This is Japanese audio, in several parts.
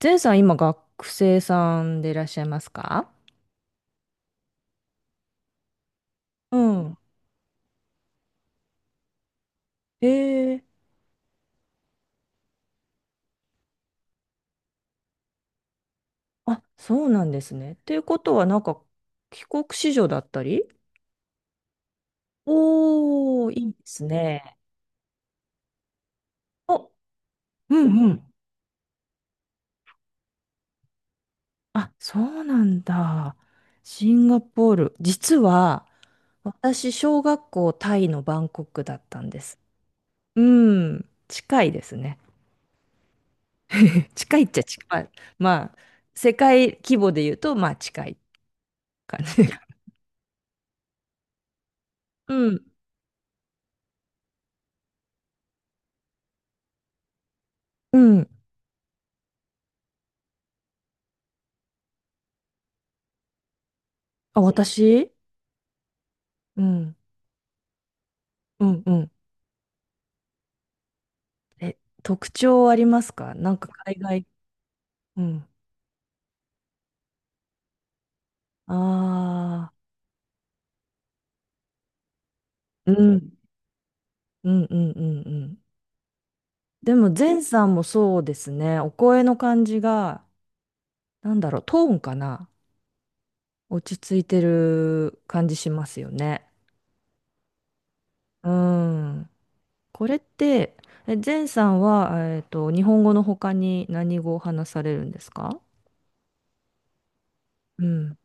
ゼンさん、今学生さんでいらっしゃいますか？うん。ええ、あ、そうなんですね。ということは、なんか、帰国子女だったり。おー、いいですね。お、うんうん。あ、そうなんだ。シンガポール。実は、私、小学校タイのバンコクだったんです。うん、近いですね。近いっちゃ近い。まあ、世界規模で言うと、まあ、近い感じ。うん。うん、あ、私、うん、うん、うん。え、特徴ありますか？なんか海外。うん。ああ、うん、うん、うん、うん、うん。でも、前さんもそうですね。お声の感じが、なんだろう、トーンかな、落ち着いてる感じしますよね。うん。これって、え、前さんは、日本語の他に何語を話されるんですか？うん。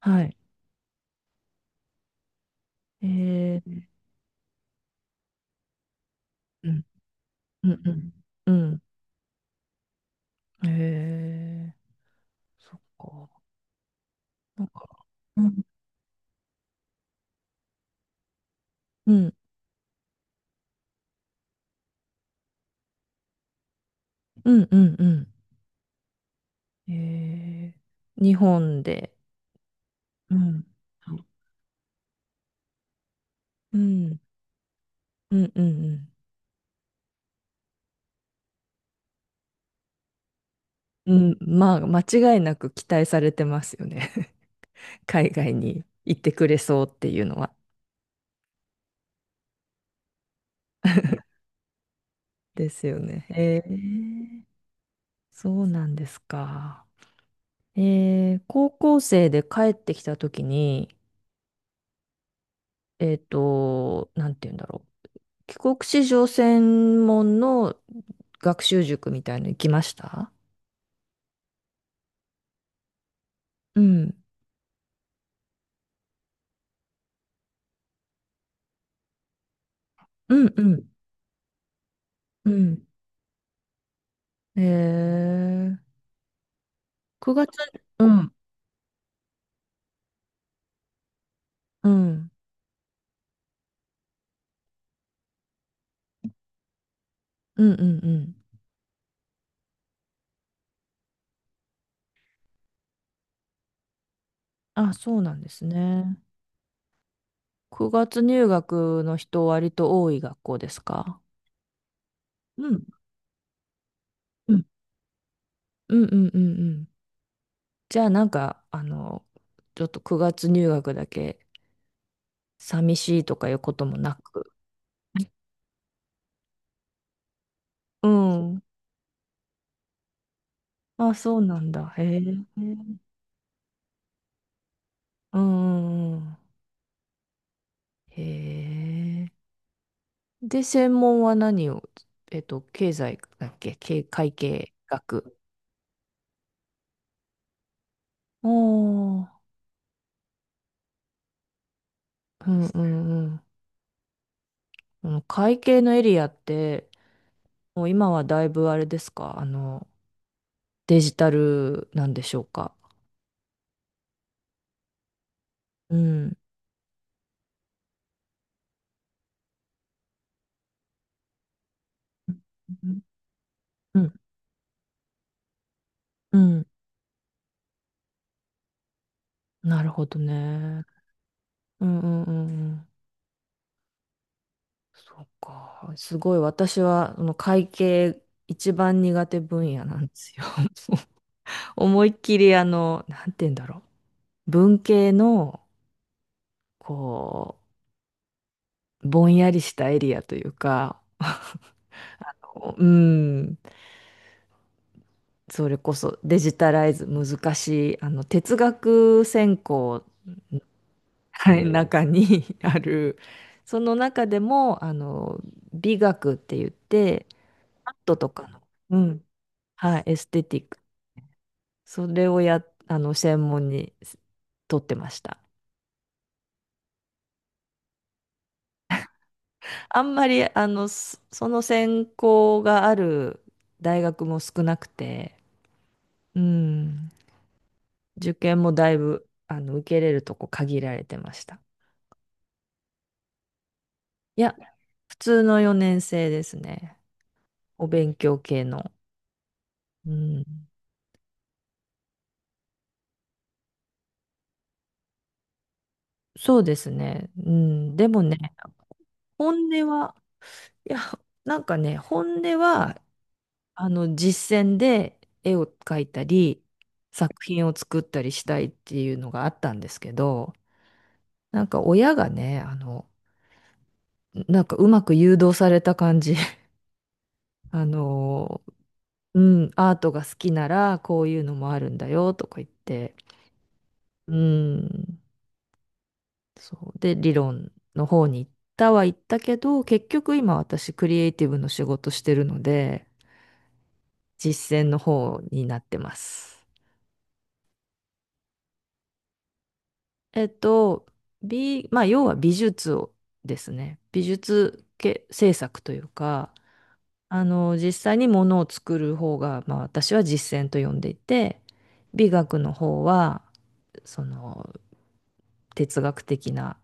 はい。えー、うん、うん、うん。うん、へえ、そっか。なんか、うん、うん、うん、うん、うん。へえ、日本で、うん、うん、うん、うん、うん。うん、まあ、間違いなく期待されてますよね。海外に行ってくれそうっていうのは。ですよね。へえ、そうなんですか。高校生で帰ってきたときに、なんて言うんだろう。帰国子女専門の学習塾みたいの行きました？うん。うんうんうん。へえ、9月、うん、うん、うんうんうん。あ、そうなんですね。9月入学の人割と多い学校ですか？うん、うん、うんうんうんうん。じゃあなんか、ちょっと9月入学だけ寂しいとかいうこともなく。うん。あ、そうなんだ。へえ。うんうんうん。へえ。で、専門は何を、経済だっけ、会計学。おー、うんうんうん。この会計のエリアって、もう今はだいぶあれですか、デジタルなんでしょうか。うん。うんうんうん、なるほどね。うんうんうんうん。そうか。すごい私はあの会計一番苦手分野なんですよ。思いっきりなんて言うんだろう。文系の、こう、ぼんやりしたエリアというか、うん、それこそデジタライズ難しい、哲学専攻、の、はい、うん。中に ある、その中でも、美学って言って、アートとかの、うん、はい、エステティック、それをや、あの、専門に取ってました。あんまり、その専攻がある大学も少なくて、うん。受験もだいぶ、受けれるとこ限られてました。いや、普通の4年生ですね。お勉強系の。うん。そうですね。うん。でもね、本音は、いや、なんかね、本音は、実践で絵を描いたり、作品を作ったりしたいっていうのがあったんですけど、なんか親がね、なんかうまく誘導された感じ、あの、うん、アートが好きならこういうのもあるんだよとか言って、うん、そう。で、理論の方に行ったは行ったけど、結局今私クリエイティブの仕事してるので、実践の方になってます。えっと、まあ、要は美術をですね、美術系制作というか、実際にものを作る方が、まあ、私は実践と呼んでいて、美学の方は、その哲学的な、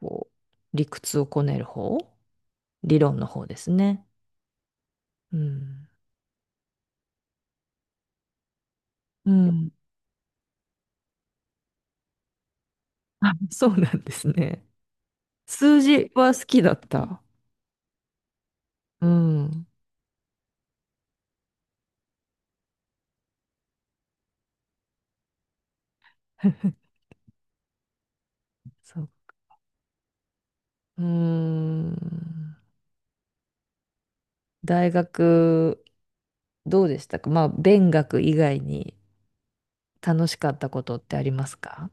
こう、理屈をこねる方、理論の方ですね。うん。うん。あ、そうなんですね。数字は好きだった。うん。そう。うーん。大学、どうでしたか？まあ、勉学以外に楽しかったことってありますか？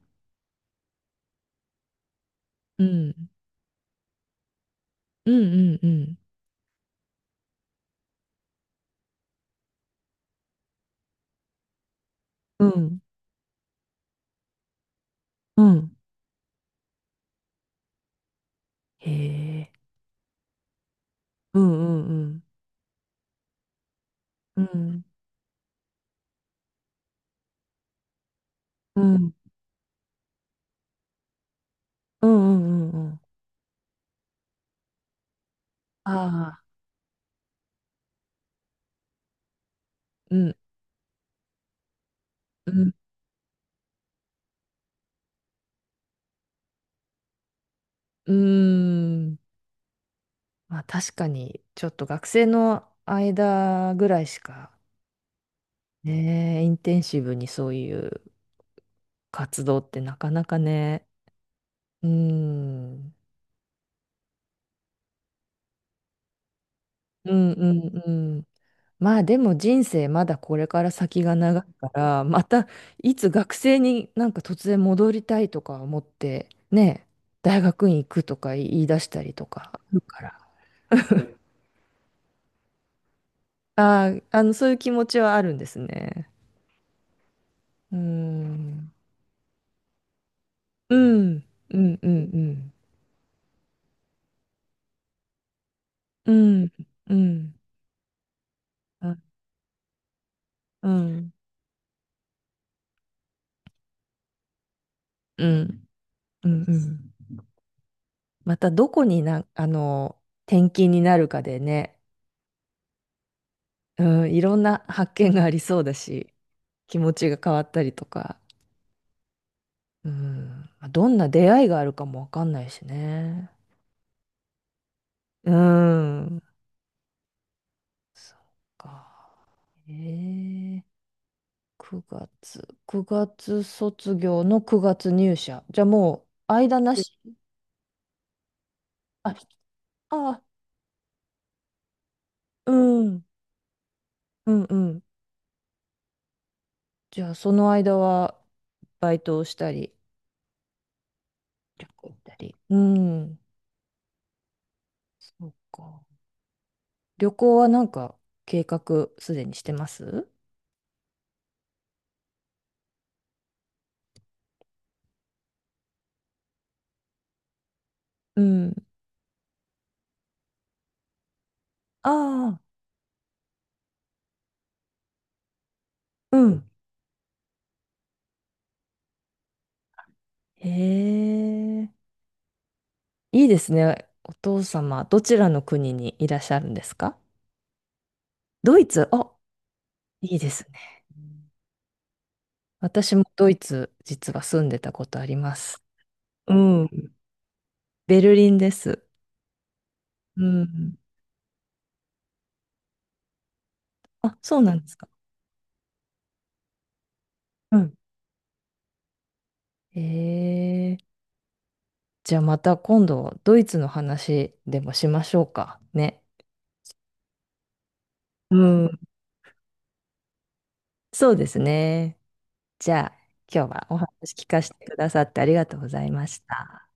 うん。うんうんうん。うん。うん。へえ。うんうんうん。うん。うん。うんうんうんうん。ああ。うんうん、うーん、まあ確かに、ちょっと学生の間ぐらいしか、ね、インテンシブにそういう活動ってなかなかね、うーん、うんうんうん。まあでも人生まだこれから先が長いから、またいつ学生になんか突然戻りたいとか思って、ね、大学院行くとか言い出したりとかあるから。ああ、そういう気持ちはあるんですね。うーん。うん。うん。うん。うん。うん。あ、うん。うん。うん。うん、またどこにな、あの、転勤になるかでね、うん、いろんな発見がありそうだし、気持ちが変わったりとか、うん。まあどんな出会いがあるかもわかんないしね。うん。そっか。えー、9月卒業の9月入社。じゃあもう間なし。あ、あ、うん、うんうん。じゃあ、その間は、バイトをしたり、旅行行ったり。うん、そうか。旅行はなんか、計画すでにしてます？うん。ああ、うん。へえ、いいですね。お父様、どちらの国にいらっしゃるんですか？ドイツ、あ、いいですね。うん、私もドイツ、実は住んでたことあります。うん。ベルリンです。うん。あ、そうなんですか。うん、えー、じゃあまた今度ドイツの話でもしましょうかね。うん。そうですね。じゃあ今日はお話聞かせてくださってありがとうございました。